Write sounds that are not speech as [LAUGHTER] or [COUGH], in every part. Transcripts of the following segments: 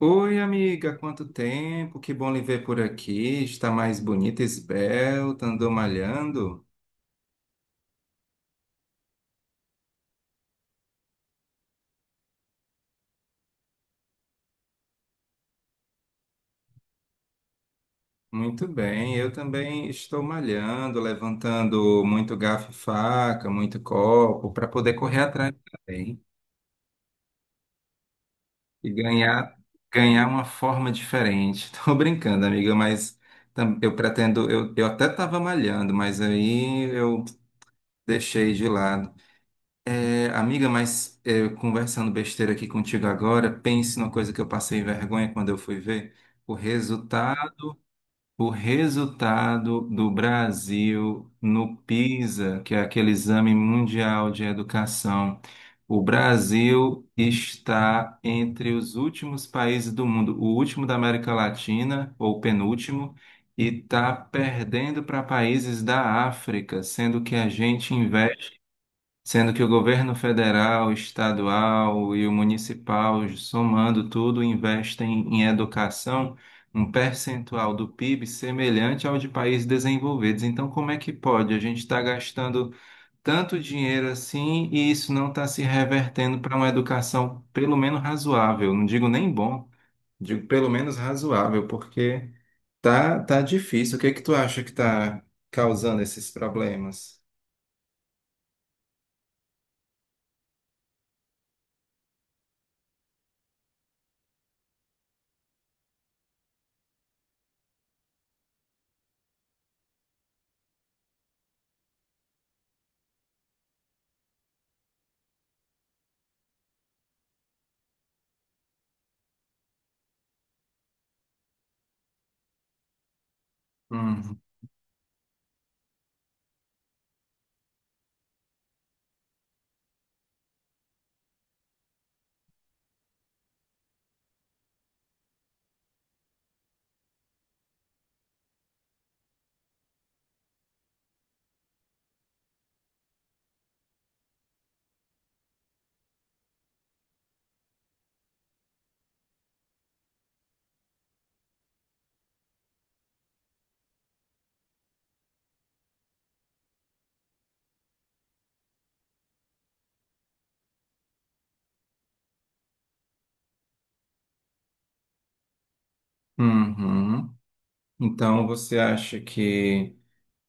Oi, amiga, quanto tempo? Que bom lhe ver por aqui. Está mais bonita, esbelta, andou malhando? Muito bem, eu também estou malhando, levantando muito garfo e faca, muito copo, para poder correr atrás também e ganhar uma forma diferente. [LAUGHS] Estou brincando, amiga, mas eu pretendo, eu até estava malhando, mas aí eu deixei de lado. É, amiga, mas é, conversando besteira aqui contigo agora, pense numa coisa que eu passei vergonha quando eu fui ver o resultado, o resultado do Brasil no PISA, que é aquele exame mundial de educação. O Brasil está entre os últimos países do mundo, o último da América Latina, ou penúltimo, e está perdendo para países da África, sendo que a gente investe sendo que o governo federal, estadual e o municipal, somando tudo, investem em educação um percentual do PIB semelhante ao de países desenvolvidos. Então, como é que pode? A gente está gastando tanto dinheiro assim e isso não está se revertendo para uma educação pelo menos razoável. Não digo nem bom, digo pelo menos razoável, porque tá difícil. O que é que tu acha que está causando esses problemas? Uhum. Uhum. Então, você acha que,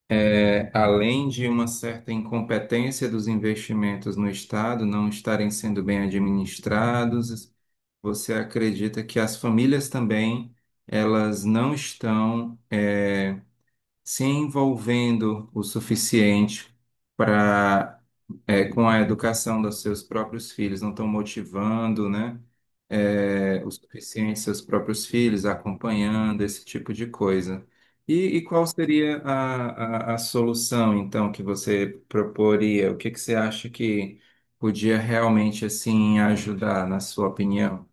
além de uma certa incompetência dos investimentos no Estado não estarem sendo bem administrados, você acredita que as famílias também elas não estão se envolvendo o suficiente para com a educação dos seus próprios filhos, não estão motivando, né, é, o suficiente seus próprios filhos, acompanhando esse tipo de coisa. E qual seria a solução, então, que você proporia? O que que você acha que podia realmente, assim, ajudar, na sua opinião?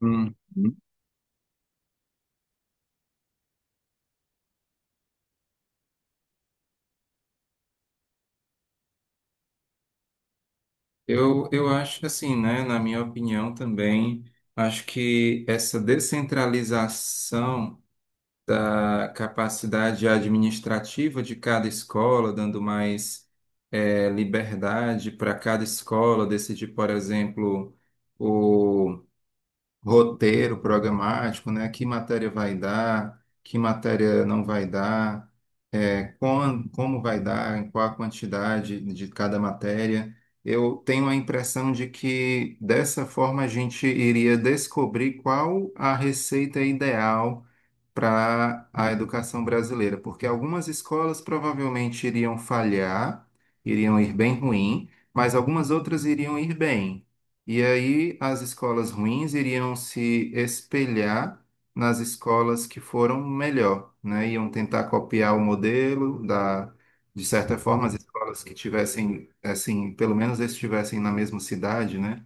Uhum. Eu acho assim, né? Na minha opinião também, acho que essa descentralização da capacidade administrativa de cada escola, dando mais liberdade para cada escola decidir, por exemplo, roteiro programático, né? Que matéria vai dar, que matéria não vai dar, como vai dar, em qual a quantidade de cada matéria. Eu tenho a impressão de que dessa forma a gente iria descobrir qual a receita ideal para a educação brasileira, porque algumas escolas provavelmente iriam falhar, iriam ir bem ruim, mas algumas outras iriam ir bem. E aí as escolas ruins iriam se espelhar nas escolas que foram melhor, né? Iam tentar copiar o modelo da, de certa forma, as escolas que tivessem, assim, pelo menos estivessem na mesma cidade, né?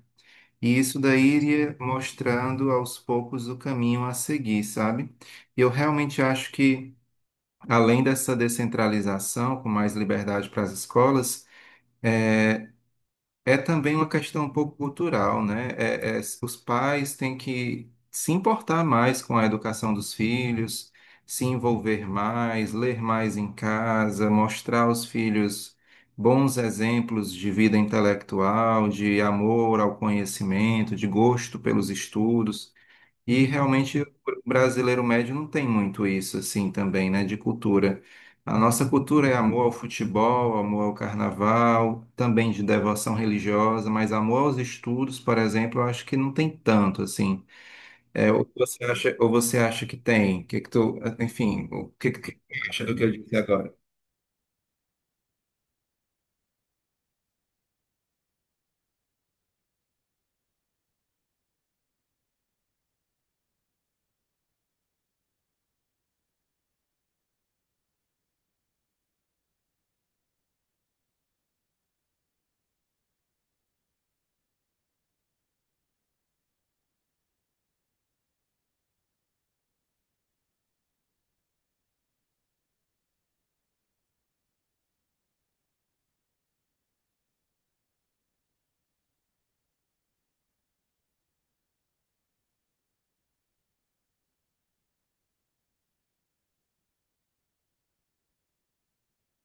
E isso daí iria mostrando aos poucos o caminho a seguir, sabe? E eu realmente acho que, além dessa descentralização, com mais liberdade para as escolas, eh, é também uma questão um pouco cultural, né? Os pais têm que se importar mais com a educação dos filhos, se envolver mais, ler mais em casa, mostrar aos filhos bons exemplos de vida intelectual, de amor ao conhecimento, de gosto pelos estudos. E realmente o brasileiro médio não tem muito isso assim também, né, de cultura. A nossa cultura é amor ao futebol, amor ao carnaval, também de devoção religiosa, mas amor aos estudos, por exemplo, eu acho que não tem tanto assim. É, ou você acha que tem? Enfim, o que que tu acha do que eu disse agora?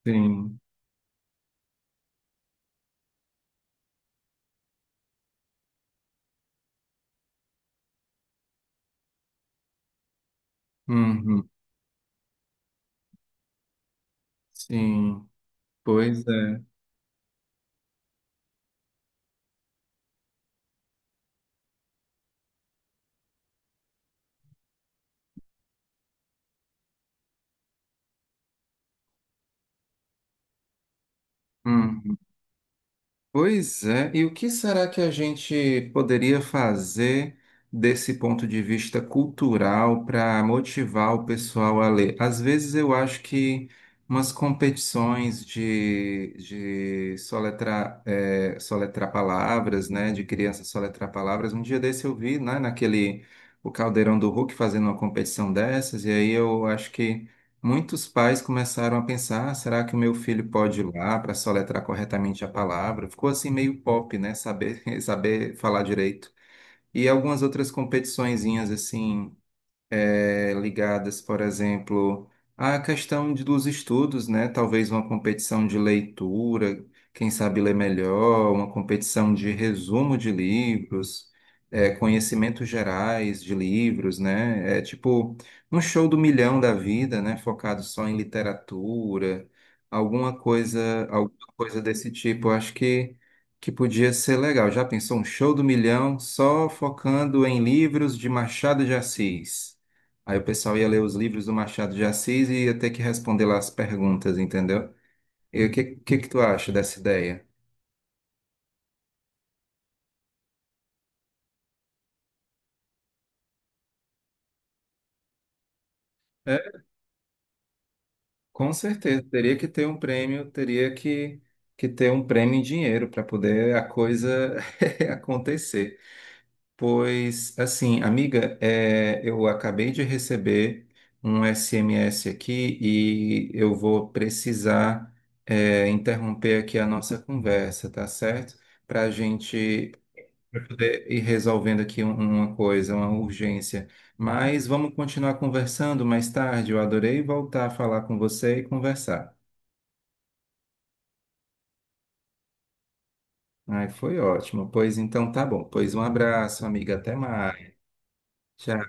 Sim. Uhum. Sim. Pois é. Pois é, e o que será que a gente poderia fazer desse ponto de vista cultural para motivar o pessoal a ler? Às vezes eu acho que umas competições de soletrar, soletrar palavras, né, de criança soletrar palavras, um dia desse eu vi, né, naquele, o Caldeirão do Hulk fazendo uma competição dessas, e aí eu acho que muitos pais começaram a pensar: "Ah, será que o meu filho pode ir lá para soletrar corretamente a palavra? Ficou assim meio pop, né? Saber, [LAUGHS] saber falar direito. E algumas outras competiçõezinhas assim ligadas, por exemplo, à questão dos estudos, né? Talvez uma competição de leitura, quem sabe ler melhor, uma competição de resumo de livros, conhecimentos gerais de livros, né? É tipo um show do milhão da vida, né? Focado só em literatura, alguma coisa desse tipo. Eu acho que podia ser legal. Já pensou um show do milhão só focando em livros de Machado de Assis? Aí o pessoal ia ler os livros do Machado de Assis e ia ter que responder lá as perguntas, entendeu? E que tu acha dessa ideia? É, com certeza, teria que ter um prêmio, teria que ter um prêmio em dinheiro para poder a coisa [LAUGHS] acontecer. Pois, assim, amiga, eu acabei de receber um SMS aqui e eu vou precisar, interromper aqui a nossa conversa, tá certo? Para a gente para poder ir resolvendo aqui uma coisa, uma urgência. Mas vamos continuar conversando mais tarde. Eu adorei voltar a falar com você e conversar. Ai, foi ótimo. Pois então tá bom. Pois um abraço, amiga. Até mais. Tchau.